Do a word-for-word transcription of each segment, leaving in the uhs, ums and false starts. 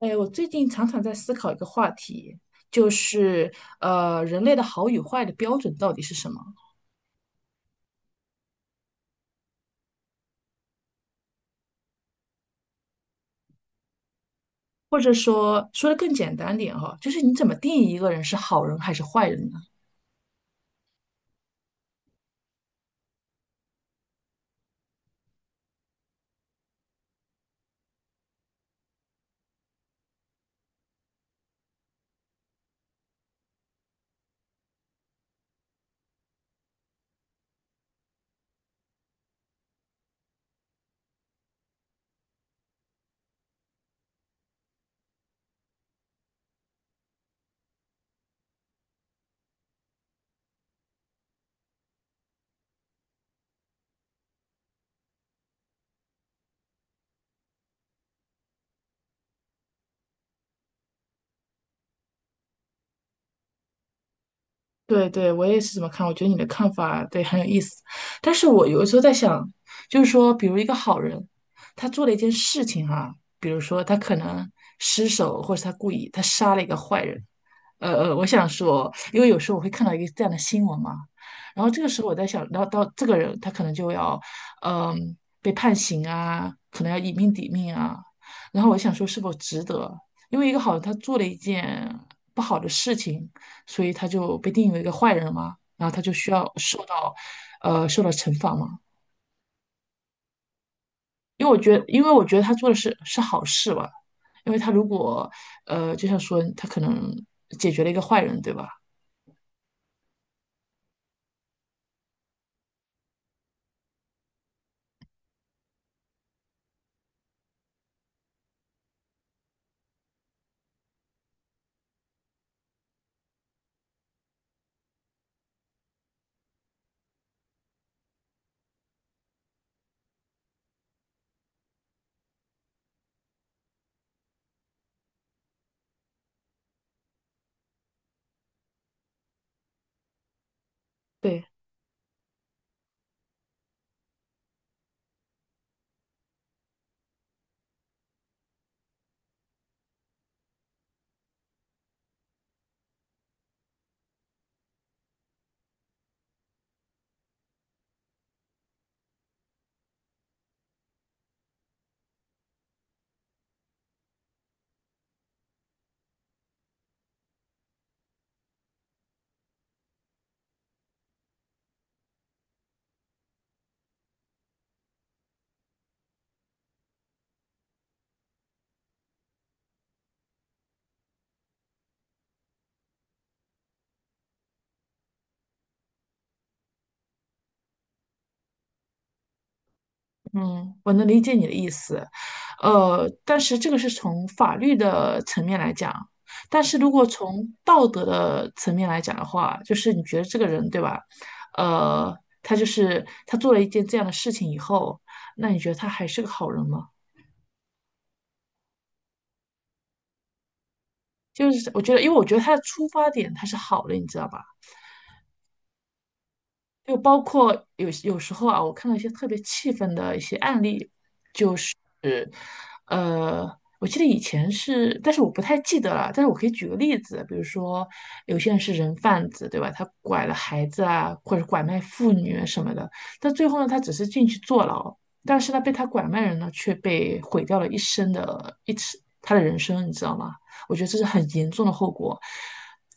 哎，我最近常常在思考一个话题，就是呃，人类的好与坏的标准到底是什么？或者说，说的更简单点哈，就是你怎么定义一个人是好人还是坏人呢？对对，我也是这么看。我觉得你的看法对很有意思，但是我有的时候在想，就是说，比如一个好人，他做了一件事情哈、比如说他可能失手，或者他故意，他杀了一个坏人。呃呃，我想说，因为有时候我会看到一个这样的新闻嘛，然后这个时候我在想，然后到这个人他可能就要，嗯、被判刑啊，可能要以命抵命啊。然后我想说，是否值得？因为一个好人他做了一件不好的事情。所以他就被定义为一个坏人嘛，然后他就需要受到，呃，受到惩罚嘛。因为我觉得，因为我觉得他做的是是好事吧，因为他如果，呃，就像说他可能解决了一个坏人，对吧？对，嗯，我能理解你的意思，呃，但是这个是从法律的层面来讲，但是如果从道德的层面来讲的话，就是你觉得这个人，对吧？呃，他就是他做了一件这样的事情以后，那你觉得他还是个好人吗？就是我觉得，因为我觉得他的出发点他是好的，你知道吧？就包括有有时候啊，我看到一些特别气愤的一些案例，是，呃，我记得以前是，但是我不太记得了。但是我可以举个例子，比如说有些人是人贩子，对吧？他拐了孩子啊，或者拐卖妇女啊什么的。但最后呢，他只是进去坐牢，但是呢，被他拐卖人呢，却被毁掉了一生的一次他的人生，你知道吗？我觉得这是很严重的后果。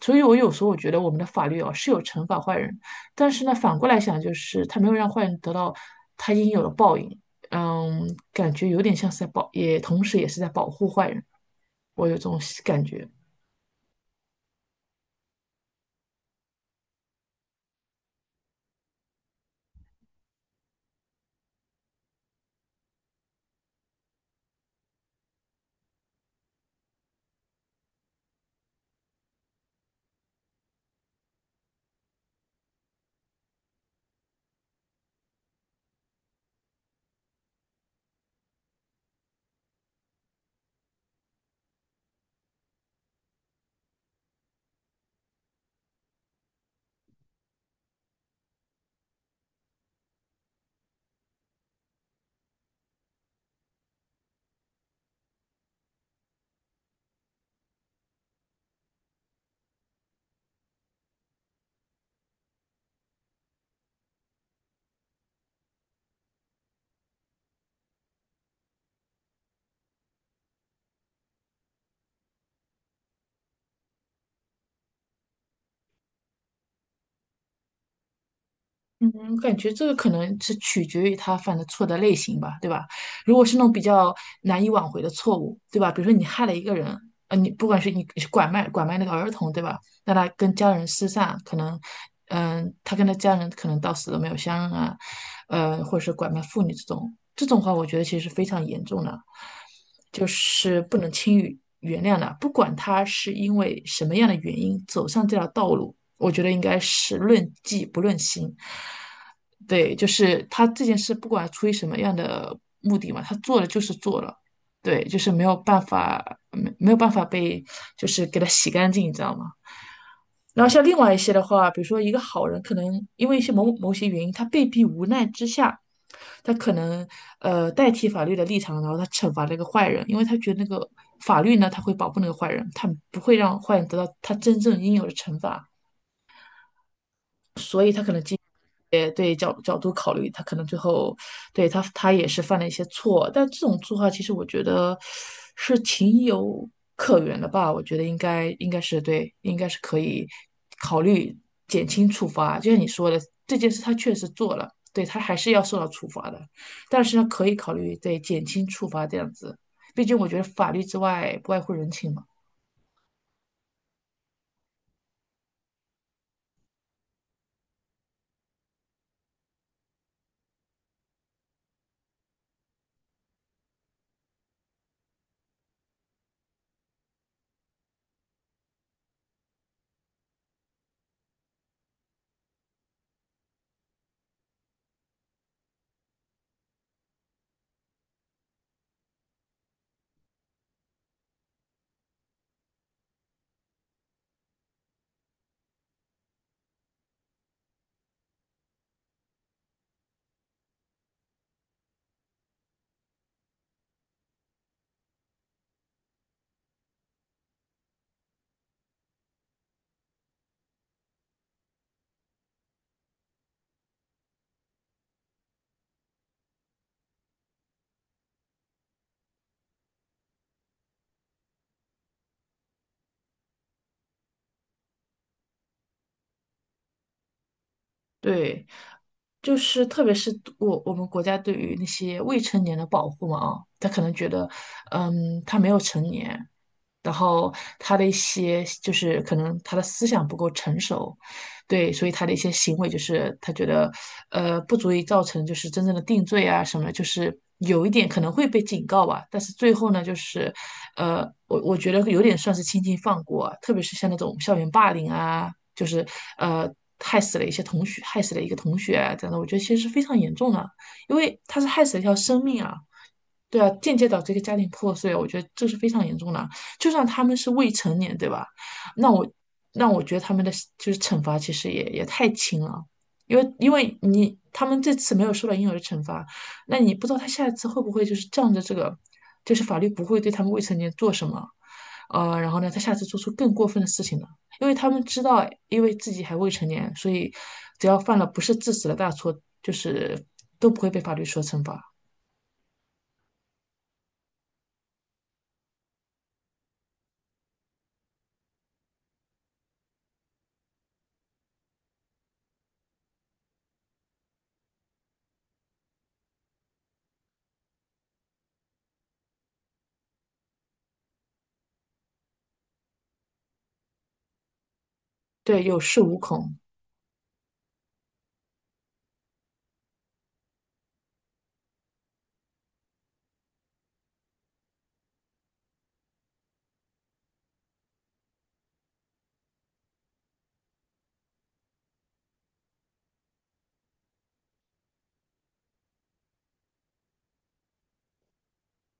所以，我有时候我觉得我们的法律哦是有惩罚坏人，但是呢，反过来想，就是他没有让坏人得到他应有的报应。嗯，感觉有点像是在保，也同时也是在保护坏人，我有这种感觉。嗯，感觉这个可能是取决于他犯的错的类型吧，对吧？如果是那种比较难以挽回的错误，对吧？比如说你害了一个人，呃，你不管是你是拐卖拐卖那个儿童，对吧？那他跟家人失散，可能，嗯、他跟他家人可能到死都没有相认啊，呃，或者是拐卖妇女这种，这种话我觉得其实是非常严重的，就是不能轻易原谅的。不管他是因为什么样的原因走上这条道路，我觉得应该是论迹不论心。对，就是他这件事，不管出于什么样的目的嘛，他做了就是做了，对，就是没有办法，没没有办法被，就是给他洗干净，你知道吗？然后像另外一些的话，比如说一个好人，可能因为一些某某些原因，他被逼无奈之下，他可能呃代替法律的立场，然后他惩罚那个坏人，因为他觉得那个法律呢，他会保护那个坏人，他不会让坏人得到他真正应有的惩罚。也对角角度考虑，他可能最后对他他也是犯了一些错，但这种做法其实我觉得是情有可原的吧，我觉得应该应该是对，应该是可以考虑减轻处罚。就像你说的，这件事他确实做了，对他还是要受到处罚的，但是呢，可以考虑对减轻处罚这样子，毕竟我觉得法律之外不外乎人情嘛。对，就是特别是我我们国家对于那些未成年的保护嘛啊，他可能觉得，嗯，他没有成年，然后他的一些就是可能他的思想不够成熟，对，所以他的一些行为就是他觉得，呃，不足以造成就是真正的定罪啊什么，就是有一点可能会被警告吧，但是最后呢，就是，呃，我我觉得有点算是轻轻放过啊特别是像那种校园霸凌啊，就是呃害死了一些同学，害死了一个同学啊这样的，我觉得其实是非常严重的啊，因为他是害死了一条生命啊，对啊，间接导致一个家庭破碎，我觉得这是非常严重的啊。就算他们是未成年，对吧？那我那我觉得他们的就是惩罚其实也也太轻了，因为因为你他们这次没有受到应有的惩罚，那你不知道他下一次会不会就是仗着这个，就是法律不会对他们未成年做什么，呃，然后呢，他下次做出更过分的事情呢？因为他们知道，因为自己还未成年，所以只要犯了不是致死的大错，就是都不会被法律所惩罚。对，有恃无恐。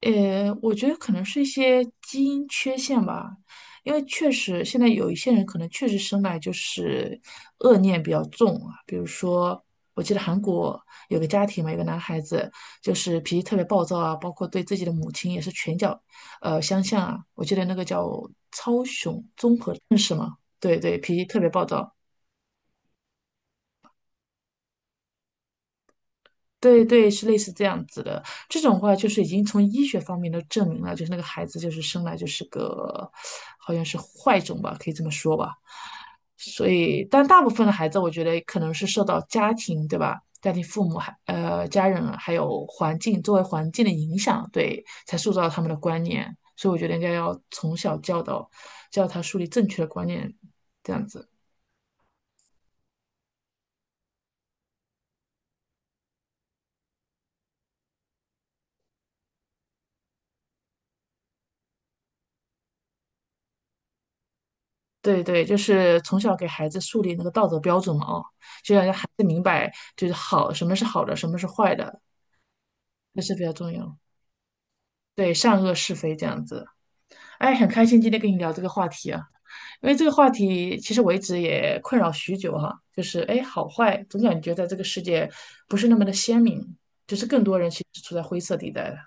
呃，我觉得可能是一些基因缺陷吧，因为确实现在有一些人可能确实生来就是恶念比较重啊，比如说我记得韩国有个家庭嘛，有个男孩子就是脾气特别暴躁啊，包括对自己的母亲也是拳脚呃相向啊，我记得那个叫超雄综合症是吗？对对，脾气特别暴躁。对对，是类似这样子的。这种话就是已经从医学方面都证明了，就是那个孩子就是生来就是个，好像是坏种吧，可以这么说吧。所以，但大部分的孩子，我觉得可能是受到家庭，对吧？家庭、父母、还呃家人，还有环境周围环境的影响，对，才塑造他们的观念。所以，我觉得应该要从小教导，教他树立正确的观念，这样子。对对，就是从小给孩子树立那个道德标准嘛，哦，就要让孩子明白，就是好，什么是好的，什么是坏的，这是比较重要。对，善恶是非这样子。哎，很开心今天跟你聊这个话题啊，因为这个话题其实我一直也困扰许久哈、就是哎，好坏总感觉在这个世界不是那么的鲜明，就是更多人其实处在灰色地带的。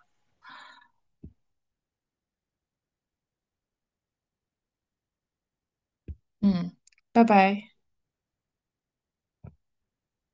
嗯，拜拜。